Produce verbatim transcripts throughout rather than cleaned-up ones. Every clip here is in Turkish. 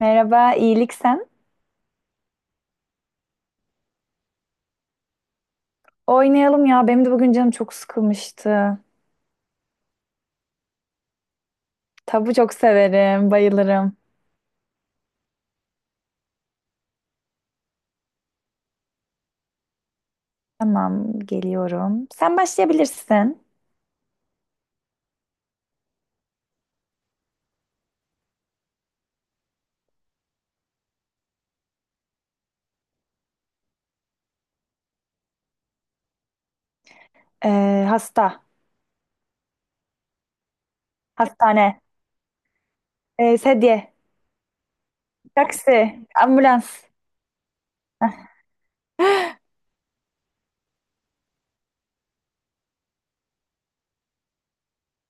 Merhaba, iyilik sen? Oynayalım ya. Benim de bugün canım çok sıkılmıştı. Tabu çok severim, bayılırım. Tamam, geliyorum. Sen başlayabilirsin. Ee, hasta, hastane, ee, sedye, taksi, ambulans. Heh,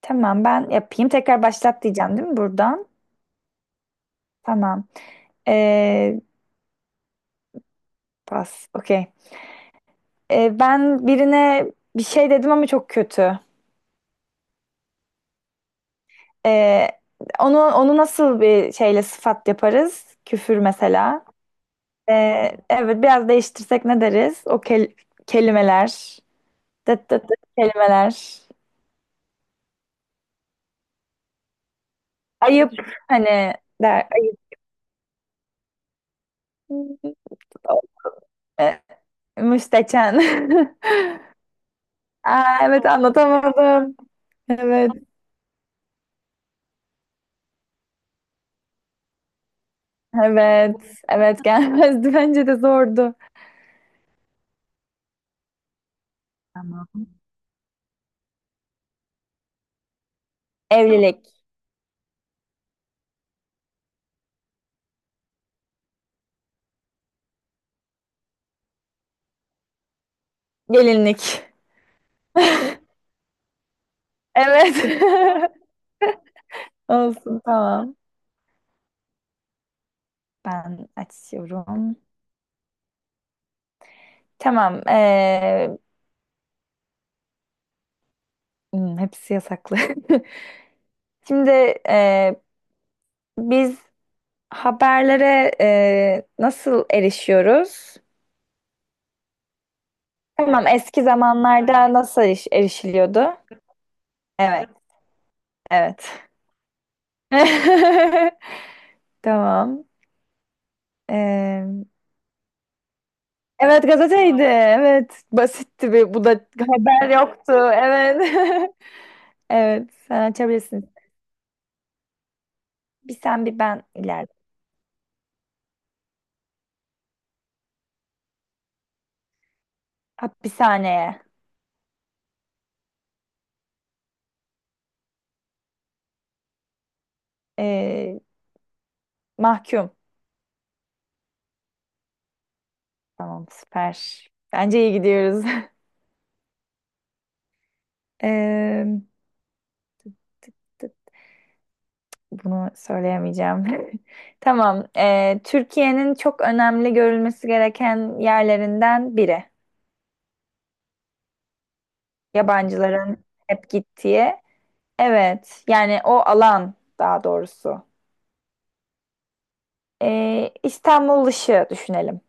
tamam, ben yapayım. Tekrar başlat diyeceğim değil mi buradan? Tamam. Ee, pas, okey. Ee, ben birine bir şey dedim ama çok kötü. Ee, onu onu nasıl bir şeyle sıfat yaparız? Küfür mesela. Ee, evet biraz değiştirsek ne deriz? O kel- kelimeler. Dıt dıt dıt kelimeler. Ayıp hani der. Ayıp. Ee, müsteçen. Aa, evet anlatamadım. Evet. Evet. Evet gelmezdi. Bence de zordu. Evlilik. Gelinlik. Evet. Olsun tamam. Ben açıyorum. Tamam. ee, hmm, hepsi yasaklı. Şimdi ee, biz haberlere e, nasıl erişiyoruz? Tamam, eski zamanlarda nasıl eriş- erişiliyordu? Evet, evet. Tamam. E, evet, gazeteydi. Evet, basitti bir. Bu da haber yoktu. Evet. Evet, sen açabilirsin. Bir sen bir ben ileride. Hapishaneye. E, mahkum. Tamam, süper. Bence iyi gidiyoruz. E, bunu söyleyemeyeceğim. Tamam. Ee, Türkiye'nin çok önemli görülmesi gereken yerlerinden biri. Yabancıların hep gittiği. Evet. Yani o alan daha doğrusu. Ee, İstanbul dışı düşünelim.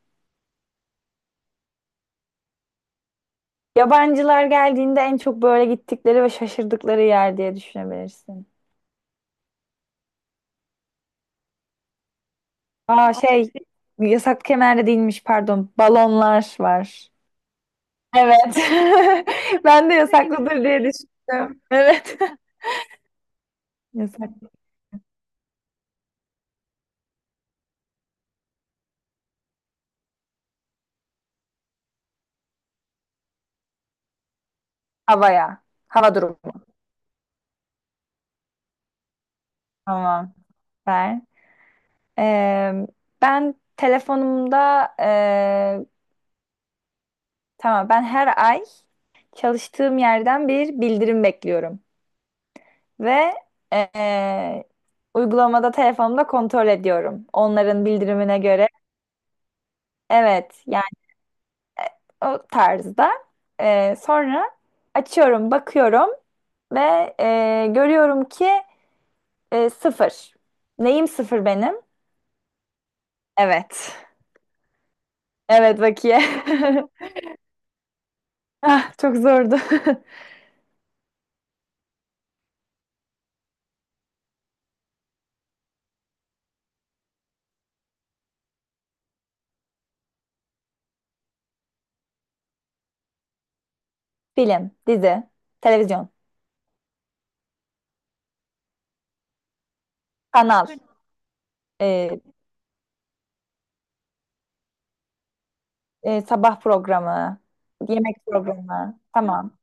Yabancılar geldiğinde en çok böyle gittikleri ve şaşırdıkları yer diye düşünebilirsin. Aa şey yasak kemer değilmiş pardon. Balonlar var. Evet. Ben de yasaklıdır diye düşündüm. Evet. Yasak. Havaya. Hava durumu. Tamam. Ver. Ee, ben telefonumda ee, tamam ben her ay çalıştığım yerden bir bildirim bekliyorum ve ee, uygulamada telefonumda kontrol ediyorum. Onların bildirimine göre. Evet, yani o tarzda. Ee, sonra açıyorum, bakıyorum ve ee, görüyorum ki ee, sıfır. Neyim sıfır benim? Evet. Evet bakiye. Ah, çok zordu. Film, dizi, televizyon, kanal, e, e, sabah programı, yemek programı. Tamam.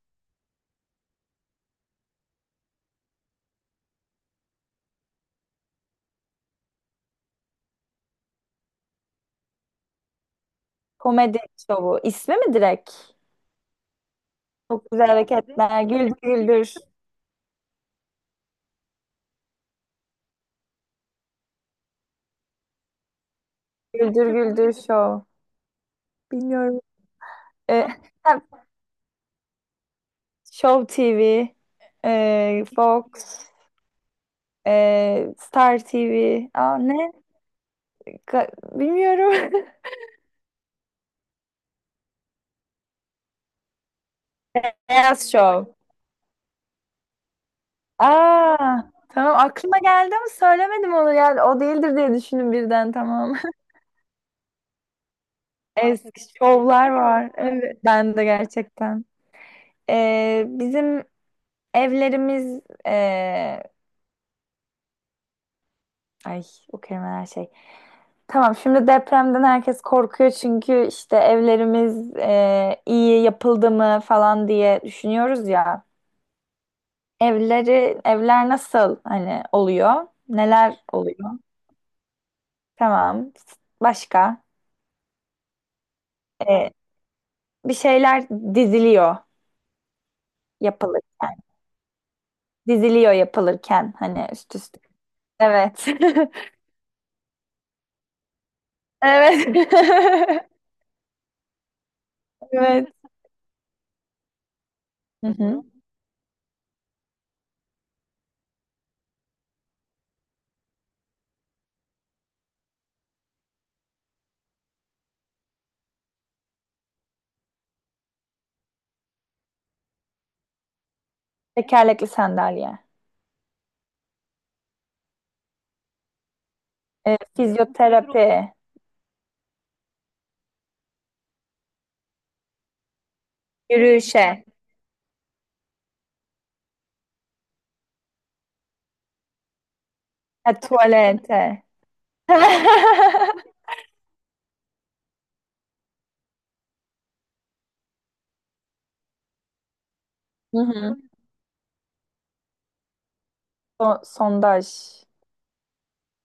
Komedi şovu. İsmi mi direkt? Çok güzel hareketler. Güldür güldür. Güldür güldür şov. Bilmiyorum. E, ha, Show T V, e, Fox, e, Star T V. Aa, ne? Ka- bilmiyorum. Beyaz Show. Aa, tamam aklıma geldi ama söylemedim onu yani o değildir diye düşündüm birden tamam. Eski şovlar var. Evet. Ben de gerçekten. Ee, bizim evlerimiz ee, ay o kelimeler şey. Tamam şimdi depremden herkes korkuyor çünkü işte evlerimiz ee, iyi yapıldı mı falan diye düşünüyoruz ya. Evleri evler nasıl hani oluyor? Neler oluyor? Tamam. Başka? Ee, bir şeyler diziliyor yapılırken. Diziliyor yapılırken hani üst üste. Evet. Evet. Evet. Hı hı. Tekerlekli sandalye. Ee, fizyoterapi. Yürüyüşe. Ha, tuvalete. Hı hı. So- sondaj.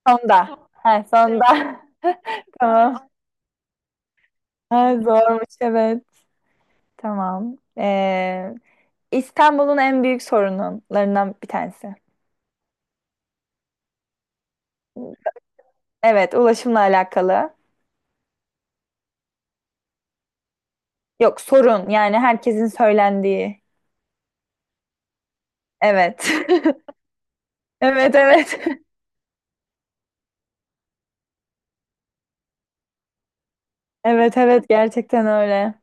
Sonda. Ha, sonda. Tamam. Ha, zormuş evet. Tamam. Ee, İstanbul'un en büyük sorunlarından bir tanesi. Evet, ulaşımla alakalı. Yok sorun yani herkesin söylendiği. Evet. Evet evet. Evet evet gerçekten öyle.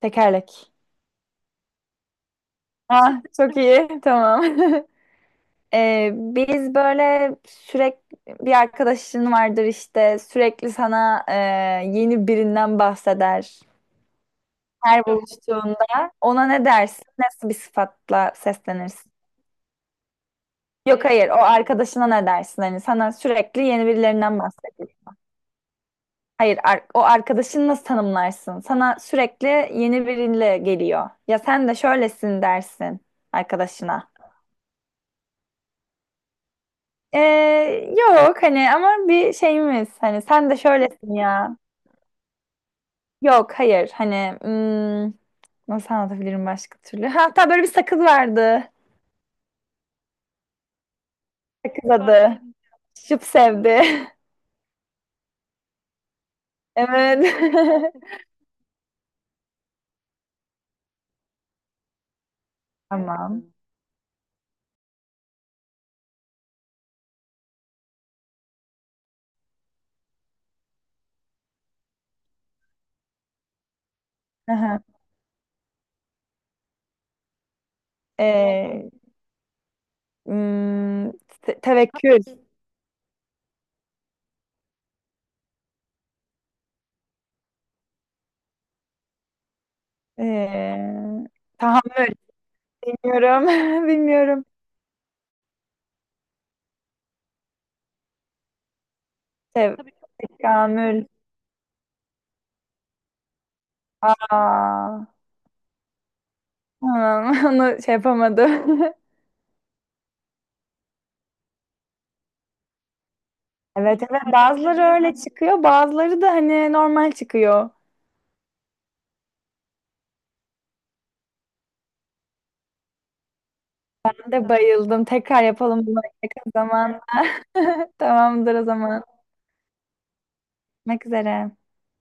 Tekerlek. Ah çok iyi tamam. Ee, biz böyle sürekli bir arkadaşın vardır işte sürekli sana e, yeni birinden bahseder. Her buluştuğunda ona ne dersin? Nasıl bir sıfatla seslenirsin? Yok hayır o arkadaşına ne dersin? Hani sana sürekli yeni birilerinden bahsediyor. Hayır, ar- o arkadaşını nasıl tanımlarsın? Sana sürekli yeni biriyle geliyor. Ya sen de şöylesin dersin arkadaşına. Ee, yok hani ama bir şeyimiz hani sen de şöylesin ya. Yok hayır hani hmm, nasıl anlatabilirim başka türlü? Hatta böyle bir sakız vardı. Sakız adı. Şıp sevdi. Evet. Tamam. Aha. Ee, hmm, te- tevekkül. Ee, tahammül. Bilmiyorum. Bilmiyorum. Sev tabii ki Kamül. Aa, tamam. Onu şey yapamadım. Evet evet bazıları öyle çıkıyor bazıları da hani normal çıkıyor. Ben de bayıldım. Tekrar yapalım bunu yakın zaman. Tamamdır o zaman. Görüşmek üzere.